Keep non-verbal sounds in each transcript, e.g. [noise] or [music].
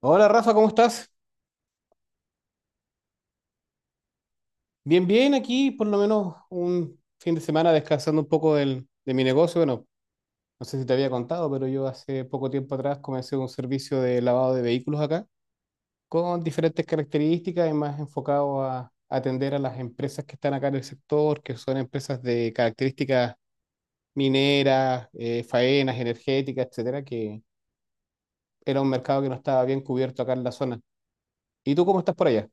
Hola Rafa, ¿cómo estás? Bien, bien, aquí por lo menos un fin de semana descansando un poco de mi negocio. Bueno, no sé si te había contado, pero yo hace poco tiempo atrás comencé un servicio de lavado de vehículos acá, con diferentes características y más enfocado a atender a las empresas que están acá en el sector, que son empresas de características mineras, faenas, energéticas, etcétera, que era un mercado que no estaba bien cubierto acá en la zona. ¿Y tú cómo estás por allá?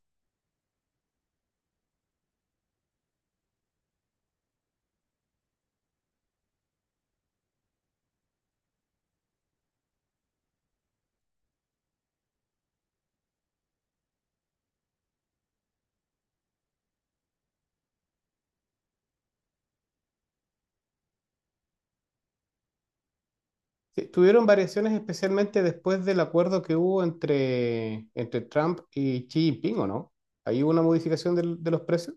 Sí, tuvieron variaciones especialmente después del acuerdo que hubo entre Trump y Xi Jinping, ¿o no? ¿Ahí hubo una modificación de los precios?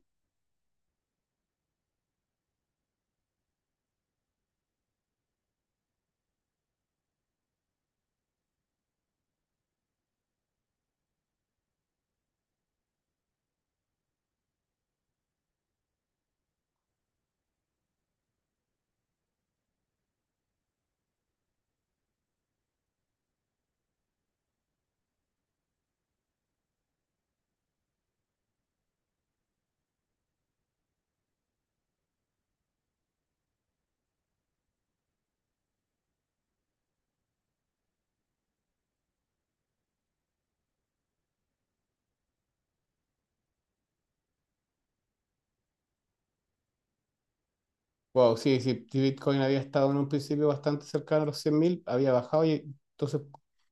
Wow, sí, sí, si Bitcoin había estado en un principio bastante cercano a los cien mil, había bajado y entonces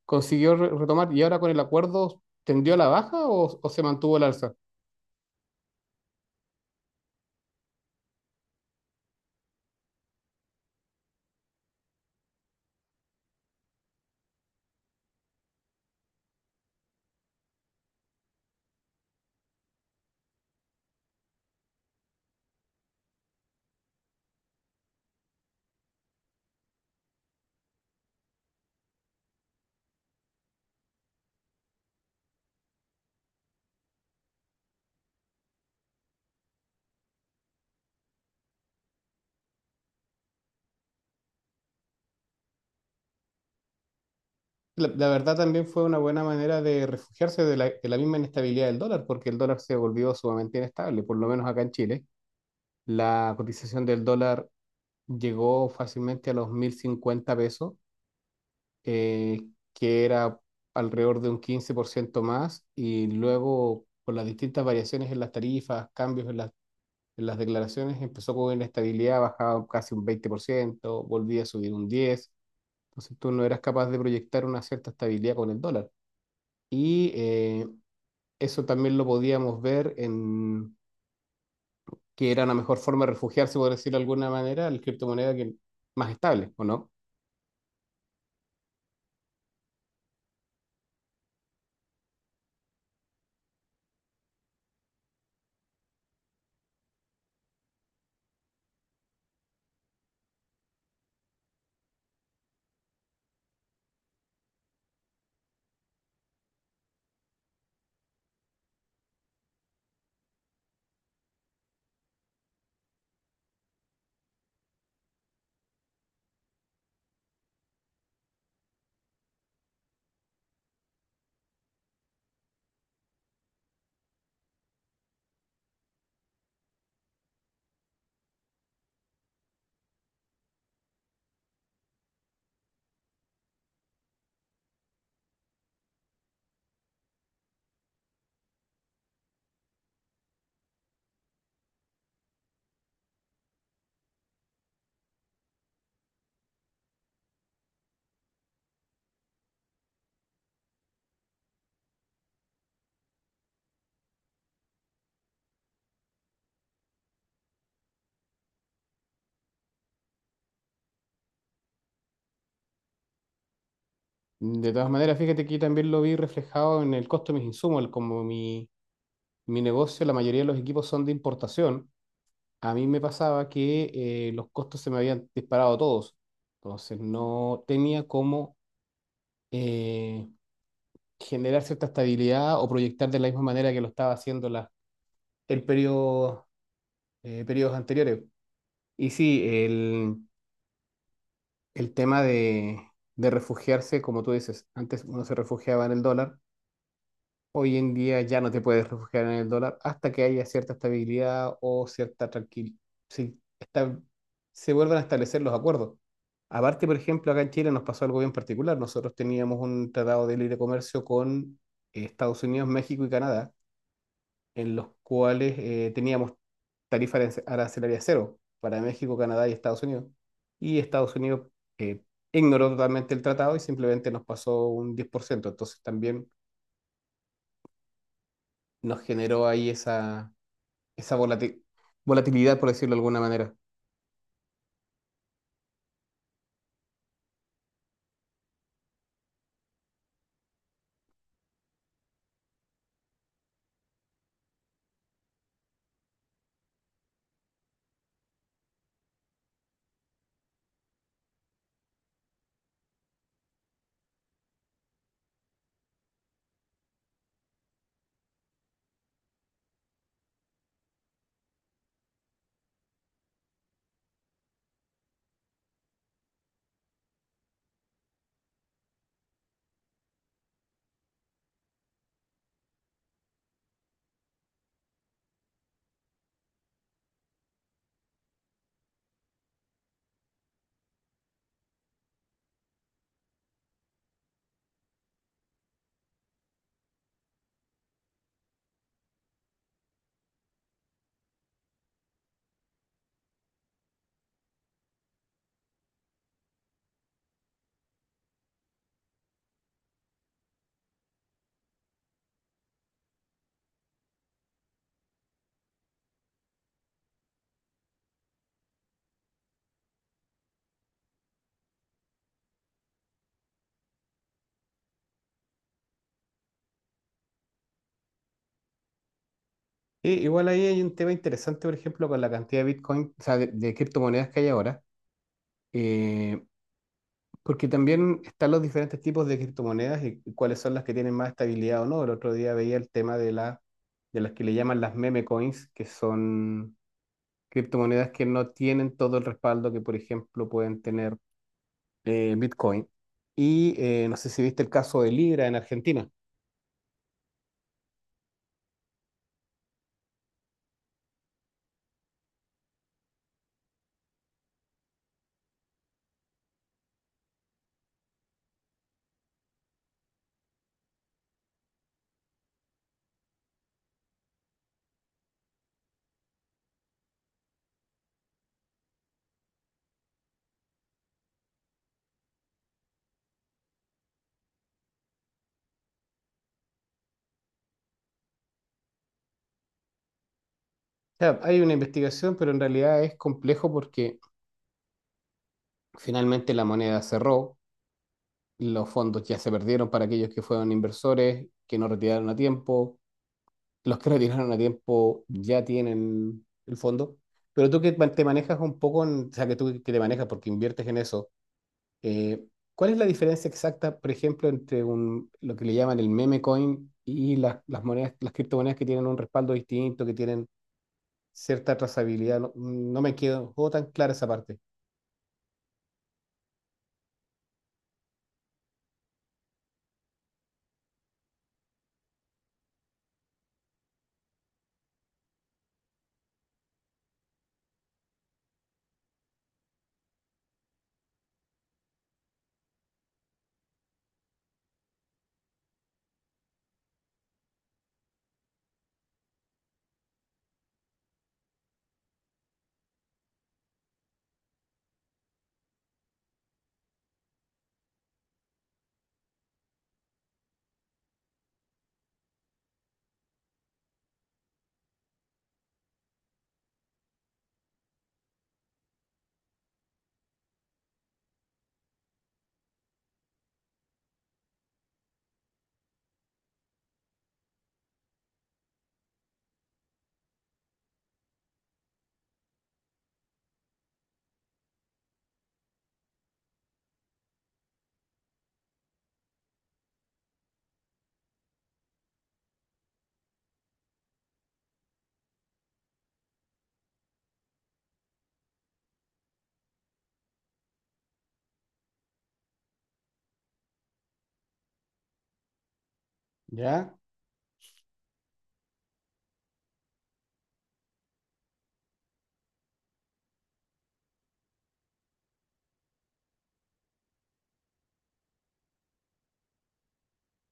consiguió retomar. ¿Y ahora con el acuerdo tendió a la baja o se mantuvo el alza? La verdad también fue una buena manera de refugiarse de la misma inestabilidad del dólar, porque el dólar se volvió sumamente inestable, por lo menos acá en Chile. La cotización del dólar llegó fácilmente a los 1.050 pesos, eh, que era alrededor de un 15% más, y luego con las distintas variaciones en las tarifas, cambios en las declaraciones, empezó con inestabilidad, bajaba casi un veinte por ciento, volvía a subir un 10%, entonces tú no eras capaz de proyectar una cierta estabilidad con el dólar. Y eso también lo podíamos ver en que era una mejor forma de refugiarse, por decirlo de alguna manera, la criptomoneda que más estable, ¿o no? De todas maneras, fíjate que yo también lo vi reflejado en el costo de mis insumos, como mi negocio, la mayoría de los equipos son de importación, a mí me pasaba que los costos se me habían disparado todos, entonces no tenía cómo eh, generar cierta estabilidad o proyectar de la misma manera que lo estaba haciendo la, el periodo, periodos anteriores. Y sí, el tema de refugiarse, como tú dices, antes uno se refugiaba en el dólar. Hoy en día ya no te puedes refugiar en el dólar hasta que haya cierta estabilidad o cierta tranquilidad. Sí, se vuelven a establecer los acuerdos. Aparte, por ejemplo, acá en Chile nos pasó algo bien particular. Nosotros teníamos un tratado de libre comercio con Estados Unidos, México y Canadá, en los cuales teníamos tarifa arancelaria cero para México, Canadá y Estados Unidos. Y Estados Unidos eh, ignoró totalmente el tratado y simplemente nos pasó un 10%. Entonces también nos generó ahí esa volatilidad, por decirlo de alguna manera. Y igual ahí hay un tema interesante, por ejemplo, con la cantidad de Bitcoin, o sea, de criptomonedas que hay ahora, eh, porque también están los diferentes tipos de criptomonedas y cuáles son las que tienen más estabilidad o no. El otro día veía el tema de, la, de las que le llaman las meme coins, que son criptomonedas que no tienen todo el respaldo que, por ejemplo, pueden tener Bitcoin. Y no sé si viste el caso de Libra en Argentina. O sea, hay una investigación, pero en realidad es complejo porque finalmente la moneda cerró, los fondos ya se perdieron para aquellos que fueron inversores, que no retiraron a tiempo, los que [laughs] retiraron a tiempo ya tienen el fondo, pero tú que te manejas un poco, o sea, que tú que te manejas porque inviertes en eso, eh, ¿cuál es la diferencia exacta, por ejemplo, entre lo que le llaman el meme coin y las monedas, las criptomonedas que tienen un respaldo distinto, que tienen cierta trazabilidad? No, no me quedó tan clara esa parte, ¿ya?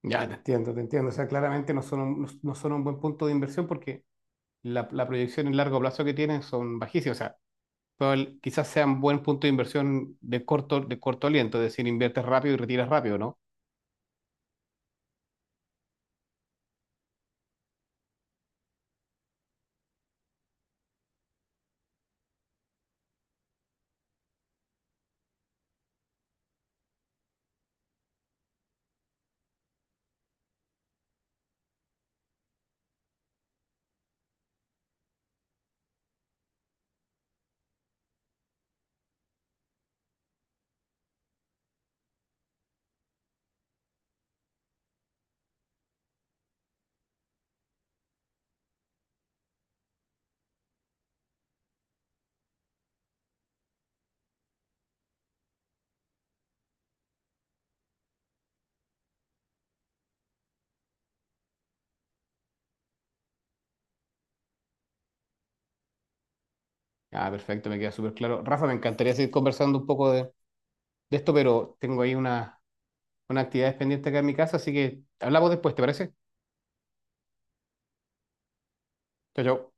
Ya, te entiendo, te entiendo. O sea, claramente no son un, no son un buen punto de inversión porque la proyección en largo plazo que tienen son bajísimas. O sea, probable- quizás sean buen punto de inversión de corto aliento, es decir, inviertes rápido y retiras rápido, ¿no? Ah, perfecto, me queda súper claro. Rafa, me encantaría seguir conversando un poco de esto, pero tengo ahí una actividad pendiente acá en mi casa, así que hablamos después, ¿te parece? Chao, chao.